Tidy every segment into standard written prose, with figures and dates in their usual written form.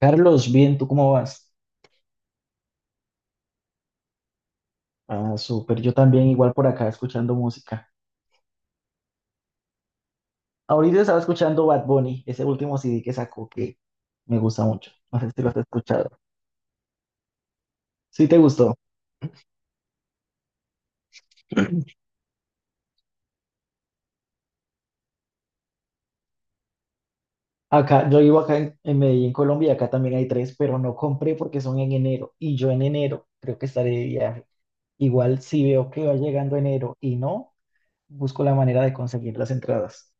Carlos, bien, ¿tú cómo vas? Ah, súper, yo también igual por acá escuchando música. Ahorita estaba escuchando Bad Bunny, ese último CD que sacó que me gusta mucho. No sé si lo has escuchado. Sí, te gustó. Acá, yo vivo acá en Medellín, Colombia, y acá también hay tres, pero no compré porque son en enero. Y yo en enero creo que estaré de viaje. Igual si veo que va llegando enero y no, busco la manera de conseguir las entradas.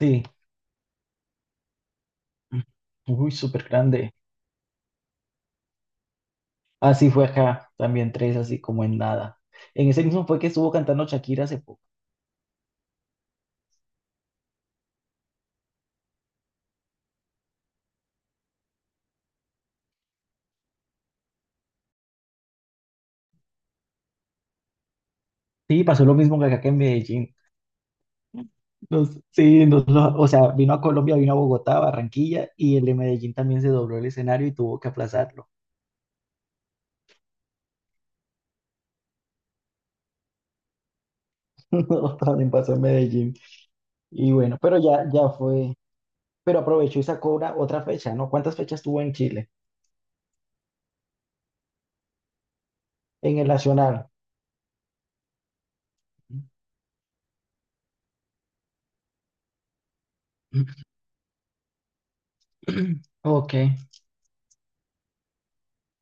Sí. Uy, súper grande. Así fue acá, también tres, así como en nada. En ese mismo fue que estuvo cantando Shakira hace poco. Sí, pasó lo mismo que acá que en Medellín. Sí, o sea, vino a Colombia, vino a Bogotá, Barranquilla, y el de Medellín también se dobló el escenario y tuvo que aplazarlo. No, también pasó en Medellín. Y bueno, pero ya, ya fue. Pero aprovechó y sacó una, otra fecha, ¿no? ¿Cuántas fechas tuvo en Chile? En el Nacional. Ok.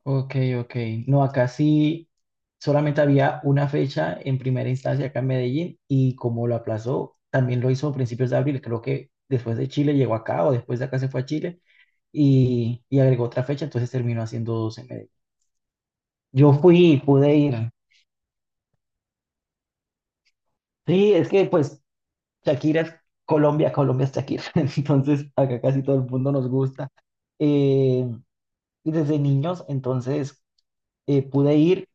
Ok, ok. No, acá sí solamente había una fecha en primera instancia acá en Medellín y como lo aplazó, también lo hizo a principios de abril. Creo que después de Chile llegó acá o después de acá se fue a Chile y agregó otra fecha, entonces terminó haciendo dos en Medellín. Yo fui, pude ir. Sí, es que pues Shakira es Colombia, Colombia es Shakira. Entonces acá casi todo el mundo nos gusta. Eh, y desde niños, entonces pude ir.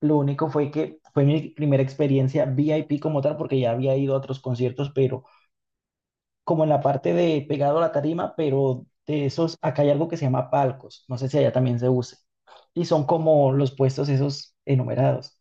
Lo único fue que fue mi primera experiencia VIP como tal, porque ya había ido a otros conciertos, pero como en la parte de pegado a la tarima, pero de esos, acá hay algo que se llama palcos, no sé si allá también se use, y son como los puestos esos enumerados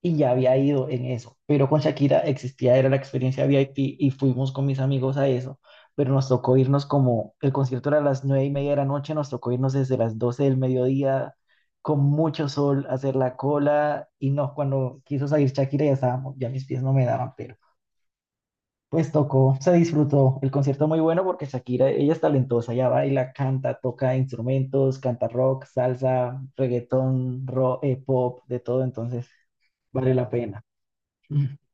y ya había ido en eso, pero con Shakira existía, era la experiencia VIP y fuimos con mis amigos a eso, pero nos tocó irnos como, el concierto era a las 9:30 de la noche, nos tocó irnos desde las 12 del mediodía con mucho sol, a hacer la cola y no, cuando quiso salir Shakira ya estábamos, ya mis pies no me daban, pero pues tocó, se disfrutó, el concierto muy bueno porque Shakira, ella es talentosa, ella baila, canta, toca instrumentos, canta rock, salsa, reggaetón, rock, pop, de todo, entonces vale la pena.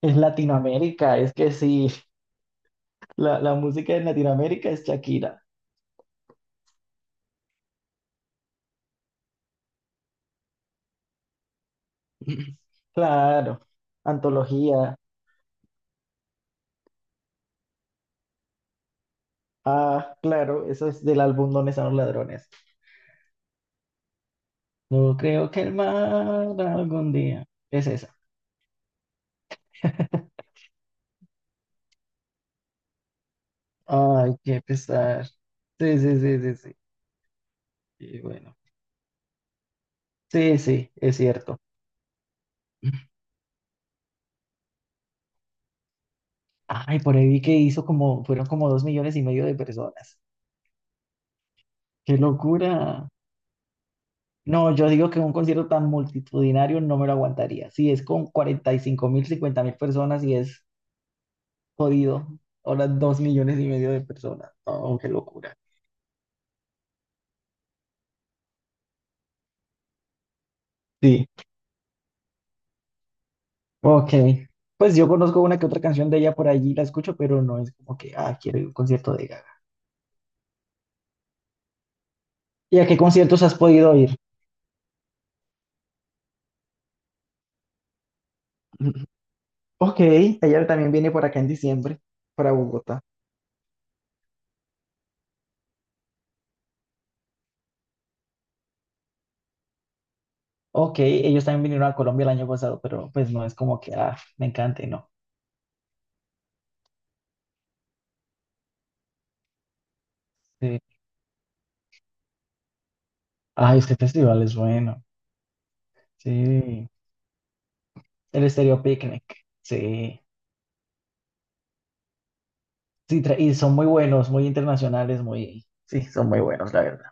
Es Latinoamérica, es que sí, la música en Latinoamérica es Shakira. Claro, antología. Ah, claro, eso es del álbum Donde están los ladrones. No creo que el mar algún día. Es esa. Ay, qué pesar. Sí, sí, sí, sí, sí. Y bueno, sí, sí, es cierto. Ay, por ahí vi que hizo como, fueron como 2,5 millones de personas. ¡Qué locura! No, yo digo que un concierto tan multitudinario no me lo aguantaría. Si es con 45.000, 50.000 personas y es jodido, ahora 2 millones y medio de personas. Oh, qué locura. Sí, ok. Pues yo conozco una que otra canción de ella por allí, la escucho, pero no es como que, ah, quiero ir a un concierto de Gaga. ¿Y a qué conciertos has podido ir? Ok, ella también viene por acá en diciembre, para Bogotá. Ok, ellos también vinieron a Colombia el año pasado, pero pues no es como que, ah, me encante, no. Sí. Ay, este festival es bueno. Sí, el Estéreo Picnic, sí, sí, y son muy buenos, muy internacionales, muy, sí, son muy buenos, la verdad.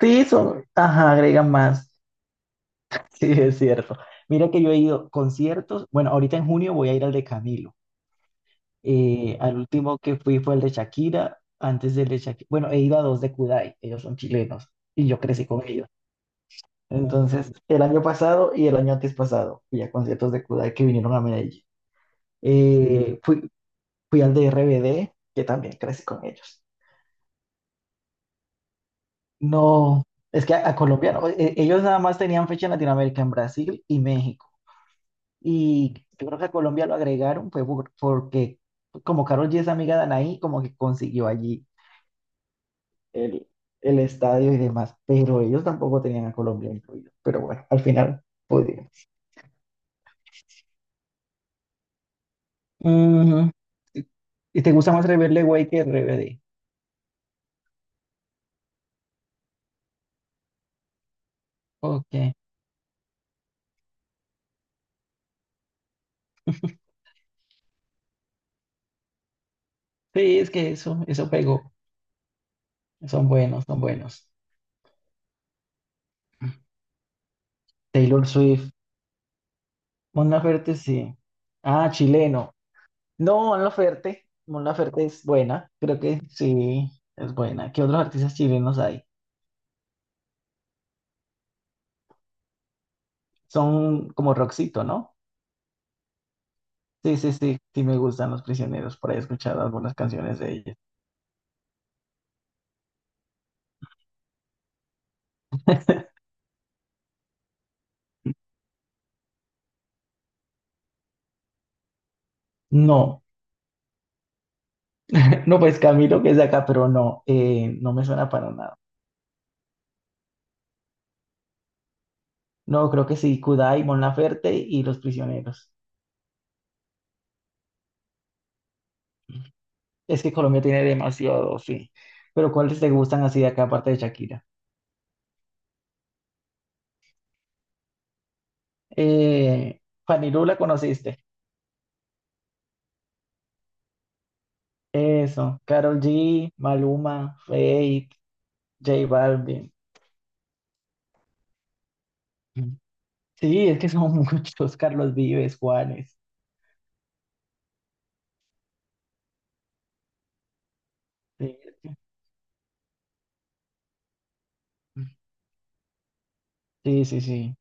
Sí, son, ajá, agregan más, sí, es cierto. Mira que yo he ido conciertos, bueno, ahorita en junio voy a ir al de Camilo, al último que fui fue el de Shakira, antes del de Shakira, bueno, he ido a dos de Kudai, ellos son chilenos, y yo crecí con ellos. Entonces, el año pasado y el año antes pasado, fui a conciertos de Kudai que vinieron a Medellín. Eh, fui, fui al de RBD, que también crecí con ellos. No, es que a Colombia, no, ellos nada más tenían fecha en Latinoamérica, en Brasil y México. Y yo creo que a Colombia lo agregaron fue porque como Karol G es amiga de Anaí, como que consiguió allí el, el estadio y demás, pero ellos tampoco tenían a Colombia incluido. Pero bueno, al final pudieron. Ujú. ¿Y y te gusta más Rebelde Way que RBD? Ok. Sí, es que eso pegó. Son buenos, son buenos. Taylor Swift. Mon Laferte, sí. Ah, chileno. No, Mon Laferte. Mon Laferte es buena. Creo que sí, es buena. ¿Qué otros artistas chilenos hay? Son como Roxito, ¿no? Sí, sí, sí. Sí me gustan Los Prisioneros. Por ahí he escuchado algunas canciones de ellos. No, no, pues Camilo que es de acá, pero no, no me suena para nada. No, creo que sí, Kudai, Mon Laferte y Los Prisioneros. Es que Colombia tiene demasiado, sí. Pero ¿cuáles te gustan así de acá, aparte de Shakira? Eh, Fanirú, ¿la conociste? Eso, Karol G, Maluma, Fate, J Balvin. Mm. Sí, es que son muchos, Carlos Vives, Juanes. Sí, es que- sí, sí. Sí.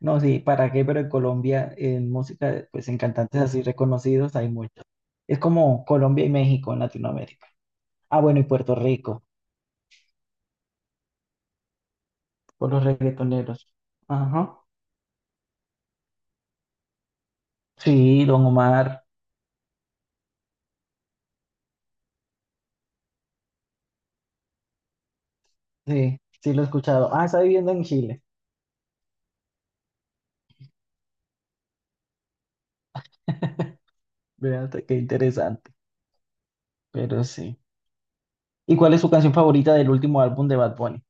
No, sí, ¿para qué? Pero en Colombia, en música, pues en cantantes así reconocidos hay muchos. Es como Colombia y México en Latinoamérica. Ah, bueno, y Puerto Rico, por los reggaetoneros. Ajá. Sí, Don Omar, sí, sí lo he escuchado. Ah, está viviendo en Chile. Vean, qué interesante, pero sí. ¿Y cuál es su canción favorita del último álbum de Bad Bunny?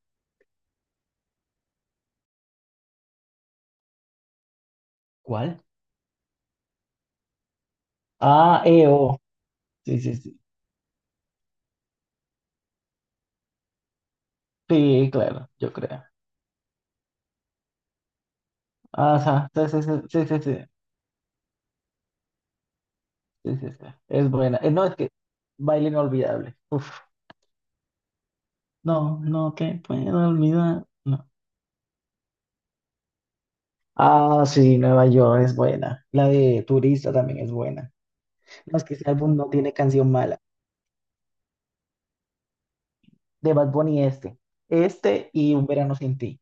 ¿Cuál? Ah, EO. Sí, sí, sí. Sí, claro, yo creo. Ajá, sí, sí, sí, sí, sí, sí, sí, sí, sí. Es buena. No, es que baile inolvidable. Uf, no, no, que puedo olvidar. No. Ah, sí, Nueva York es buena. La de Turista también es buena. No, es que ese álbum no tiene canción mala. De Bad Bunny este. Este y Un Verano Sin Ti.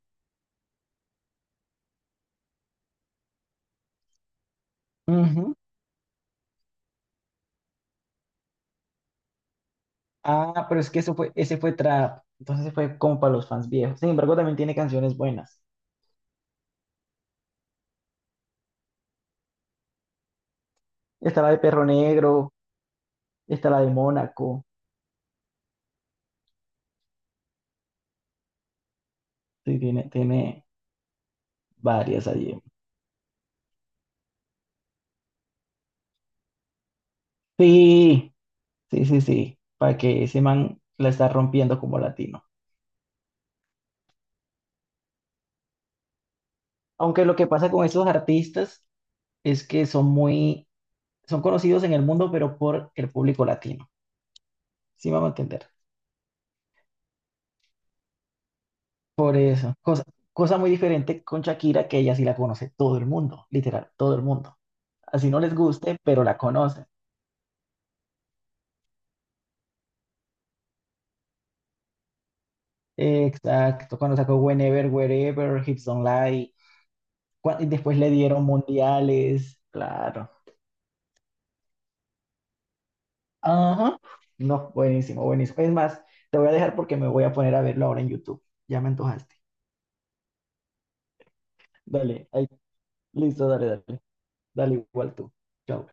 Ah, pero es que eso fue, ese fue trap. Entonces fue como para los fans viejos. Sin embargo, también tiene canciones buenas. Está la de Perro Negro, está la de Mónaco. Sí, tiene varias allí. Sí, sí, sí, sí. Para que ese man la está rompiendo como latino. Aunque lo que pasa con esos artistas es que son conocidos en el mundo, pero por el público latino. Sí, me vamos a entender. Por eso. Cosa, cosa muy diferente con Shakira, que ella sí la conoce todo el mundo, literal, todo el mundo. Así no les guste, pero la conocen. Exacto, cuando sacó Whenever, Wherever, Hips Don't Lie, y después le dieron mundiales, claro. Ajá, no, buenísimo, buenísimo. Es más, te voy a dejar porque me voy a poner a verlo ahora en YouTube. Ya me antojaste. Dale, ahí, listo, dale, dale. Dale igual tú. Chao.